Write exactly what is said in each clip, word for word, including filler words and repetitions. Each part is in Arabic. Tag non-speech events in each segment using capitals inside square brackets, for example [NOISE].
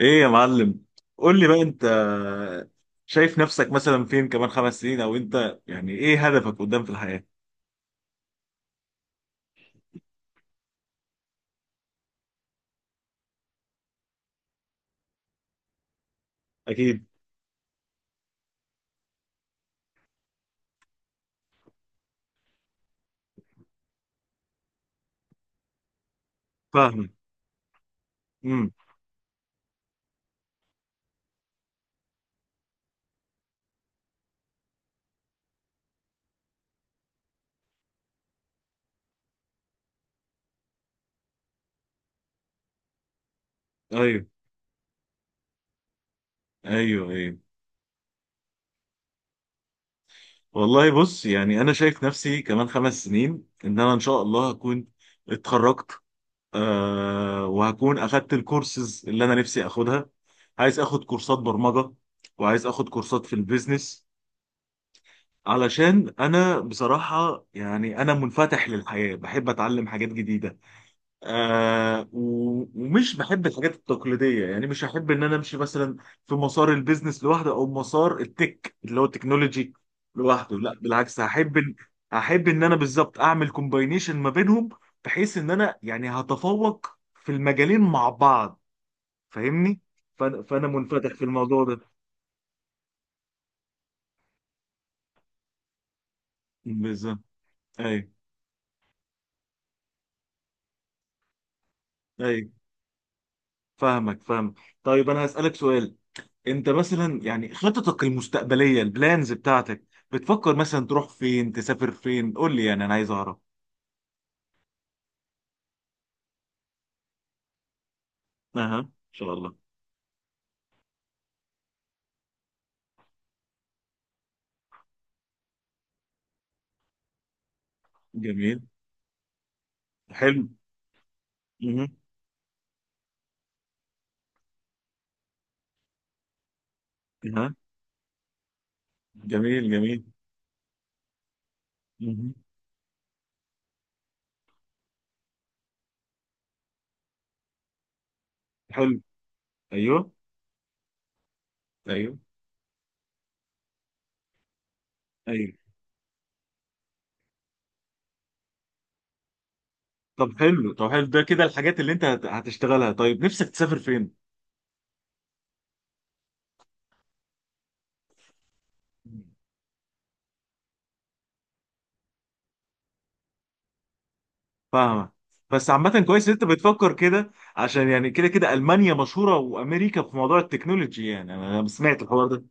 ايه يا معلم. قول لي بقى انت، شايف نفسك مثلا فين كمان خمس سنين، او انت يعني ايه هدفك قدام في الحياة؟ اكيد. فاهمك. امم. ايوه ايوه ايوه. والله بص، يعني انا شايف نفسي كمان خمس سنين ان انا ان شاء الله هكون اتخرجت، آه وهكون اخدت الكورسز اللي انا نفسي اخدها. عايز اخد كورسات برمجة وعايز اخد كورسات في البيزنس. علشان انا بصراحة يعني انا منفتح للحياة، بحب اتعلم حاجات جديدة. آه و- ومش بحب الحاجات التقليديه. يعني مش هحب ان انا امشي مثلا في مسار البيزنس لوحده او مسار التك اللي هو التكنولوجي لوحده. لا، بالعكس، هحب إن- هحب ان انا بالظبط اعمل كومباينيشن ما بينهم، بحيث ان انا يعني هتفوق في المجالين مع بعض. فاهمني. فانا فأنا منفتح في الموضوع ده. بالظبط. ايوه ايوه. فاهمك فاهمك. طيب انا هسالك سؤال. انت مثلا يعني خططك المستقبليه، البلانز بتاعتك، بتفكر مثلا تروح فين، تسافر فين؟ قول لي يعني انا عايز اعرف. اها ان شاء الله. جميل. حلو. اها. اها. جميل جميل. اها. حلو. ايوه ايوه ايوه. طب حلو طب حلو، ده كده الحاجات اللي انت هت- هتشتغلها. طيب نفسك تسافر فين؟ فاهمه. بس عامة كويس ان انت بتفكر كده، عشان يعني كده كده المانيا مشهوره وامريكا في موضوع التكنولوجي. يعني انا أنا سمعت الحوار ده.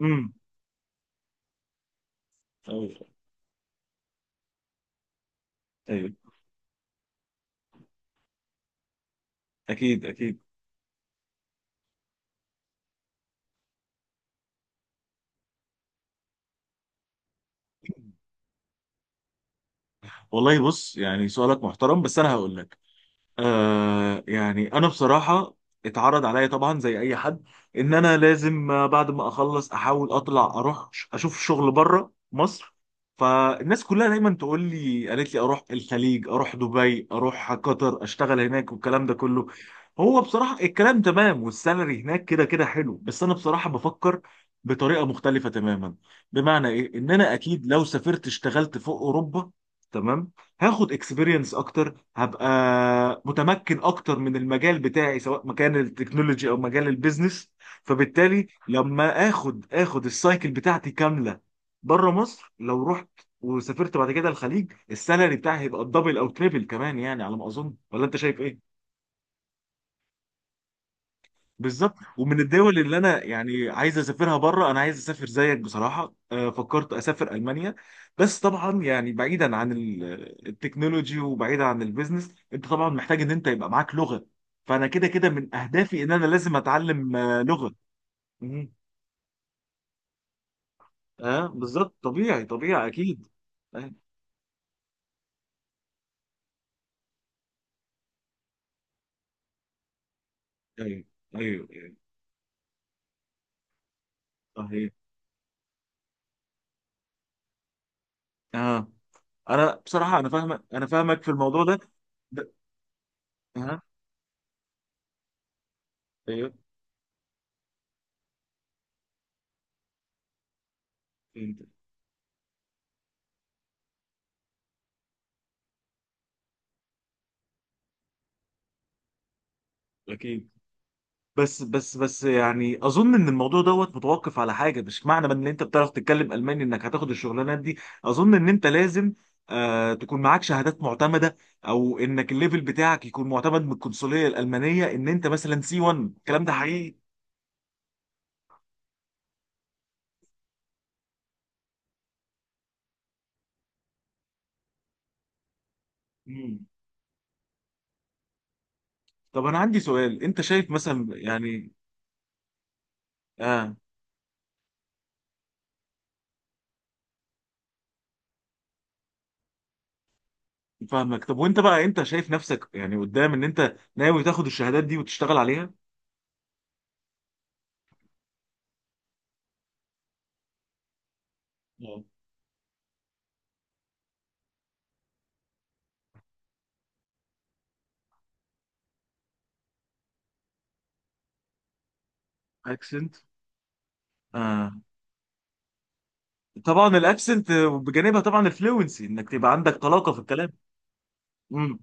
امم. ايوه ايوه. اكيد اكيد. والله بص، يعني سؤالك محترم بس انا هقول لك. آه يعني انا بصراحه اتعرض عليا طبعا زي اي حد ان انا لازم، آه، بعد ما اخلص احاول اطلع اروح ش- اشوف شغل بره مصر. فالناس كلها دايما تقول لي، قالت لي اروح الخليج، اروح دبي، اروح قطر، اشتغل هناك والكلام ده كله. هو بصراحه الكلام تمام والسالري هناك كده كده حلو، بس انا بصراحه بفكر بطريقه مختلفه تماما. بمعنى ايه، ان انا اكيد لو سافرت اشتغلت فوق اوروبا، تمام، هاخد اكسبيرينس اكتر، هبقى متمكن اكتر من المجال بتاعي سواء مكان التكنولوجي او مجال البيزنس. فبالتالي لما اخد اخد السايكل بتاعتي كامله بره مصر، لو رحت وسافرت بعد كده الخليج، السالري بتاعي هيبقى الدبل او تريبل كمان يعني على ما اظن، ولا انت شايف ايه؟ بالظبط. ومن الدول اللي انا يعني عايز اسافرها بره، انا عايز اسافر زيك بصراحه. آه، فكرت اسافر المانيا. بس طبعا يعني بعيدا عن ال- التكنولوجي وبعيدا عن البيزنس، انت طبعا محتاج ان انت يبقى معاك لغه. فانا كده كده من اهدافي ان انا لازم اتعلم آه، لغه. مم. اه بالظبط، طبيعي طبيعي اكيد. آه، ايوه ايوه ايوه. صحيح. اه انا بصراحه انا فاهمك، انا فاهمك في الموضوع ده. ده- اه. ايوه. أنت- اكيد. بس بس بس يعني اظن ان الموضوع دوت متوقف على حاجه، مش معنى ان انت بتعرف تتكلم الماني انك هتاخد الشغلانات دي. اظن ان انت لازم آه تكون معاك شهادات معتمده، او انك الليفل بتاعك يكون معتمد من القنصليه الالمانيه، ان انت مثلا سي واحد. الكلام ده حقيقي. مم. طب انا عندي سؤال. انت شايف مثلا يعني. اه فاهمك. طب وانت بقى انت شايف نفسك يعني قدام ان انت ناوي تاخد الشهادات دي وتشتغل عليها؟ اكسنت. طبعا الاكسنت بجانبها، طبعا الفلوينسي انك تبقى عندك طلاقه في الكلام. امم.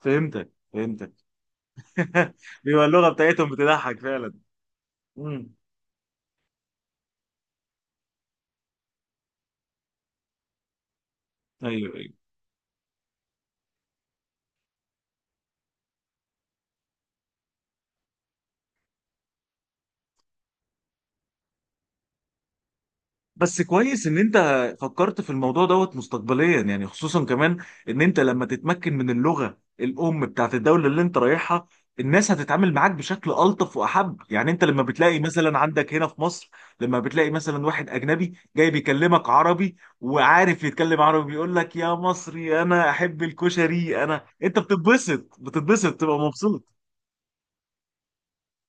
فهمتك فهمتك. [LAUGHS] بيبقى اللغه بتاعتهم بتضحك فعلا. امم. ايوه. أيوة. بس كويس ان انت فكرت في الموضوع دوت مستقبليا، يعني خصوصا كمان ان انت لما تتمكن من اللغة الام بتاعت الدولة اللي انت رايحها، الناس هتتعامل معاك بشكل الطف واحب. يعني انت لما بتلاقي مثلا عندك هنا في مصر، لما بتلاقي مثلا واحد اجنبي جاي بيكلمك عربي وعارف يتكلم عربي، بيقول لك يا مصري انا احب الكشري، انا انت بتتبسط بتتبسط تبقى مبسوط.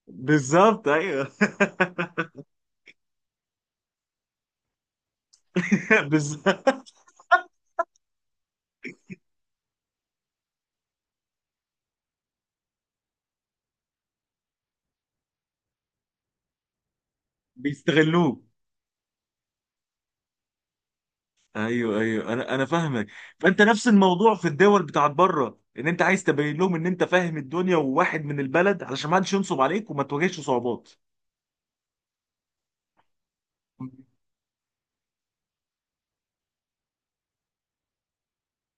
بالظبط. ايوه. [LAUGHS] بالظبط. بيستغلوك. ايوه ايوه. انا انا فاهمك. فانت نفس الموضوع في الدول بتاعت بره، ان انت عايز تبين لهم ان انت فاهم الدنيا وواحد من البلد، علشان ما حدش ينصب عليك وما تواجهش صعوبات.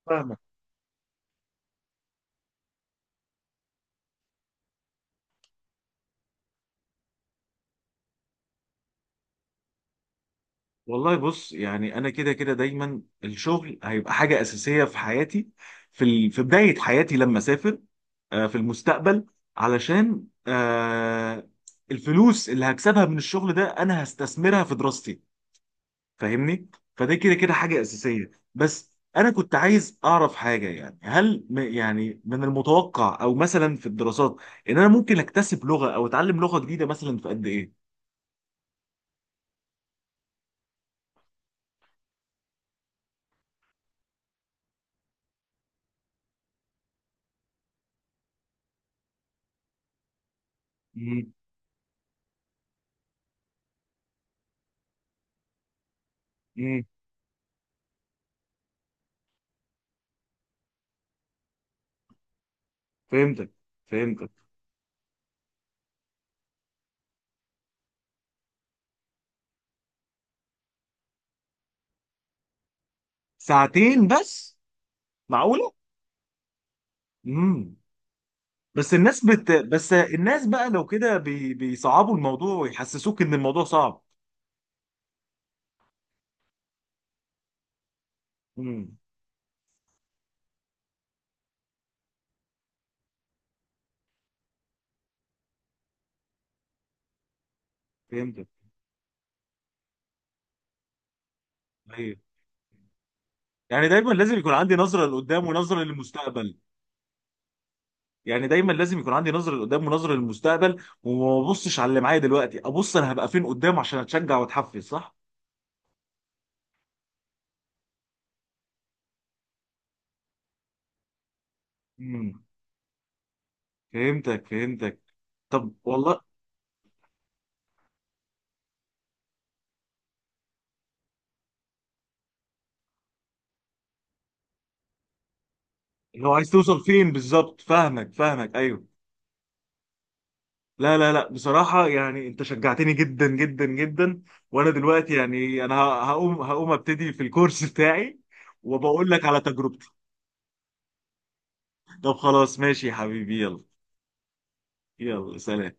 فاهمك. والله بص، يعني انا كده كده دايما الشغل هيبقى حاجه اساسيه في حياتي، في ال... في بدايه حياتي لما اسافر آه، في المستقبل. علشان آه، الفلوس اللي هكسبها من الشغل ده انا هستثمرها في دراستي. فاهمني. فده كده كده حاجه اساسيه. بس انا كنت عايز اعرف حاجه، يعني هل م- يعني من المتوقع او مثلا في الدراسات ان انا ممكن اكتسب لغه او اتعلم لغه جديده مثلا في قد ايه؟ امم. امم. فهمتك فهمتك. ساعتين بس؟ معقوله. امم. بس الناس بت... بس الناس بقى لو كده بي... بيصعبوا الموضوع ويحسسوك ان الموضوع صعب. امم. فهمتك. ايوه. يعني دايما لازم يكون عندي نظره لقدام ونظره للمستقبل. يعني دايما لازم يكون عندي نظره لقدام ونظره للمستقبل، وما ابصش على اللي معايا دلوقتي، ابص انا هبقى فين قدام عشان اتشجع واتحفز. صح. امم. فهمتك فهمتك. طب والله. لو عايز توصل فين بالظبط، فاهمك فاهمك. ايوه. لا لا لا، بصراحة يعني انت شجعتني جدا جدا جدا. وانا دلوقتي يعني انا هقوم هقوم ابتدي في الكورس بتاعي. وبقول لك على تجربتي. طب خلاص ماشي يا حبيبي. يلا. يلا سلام.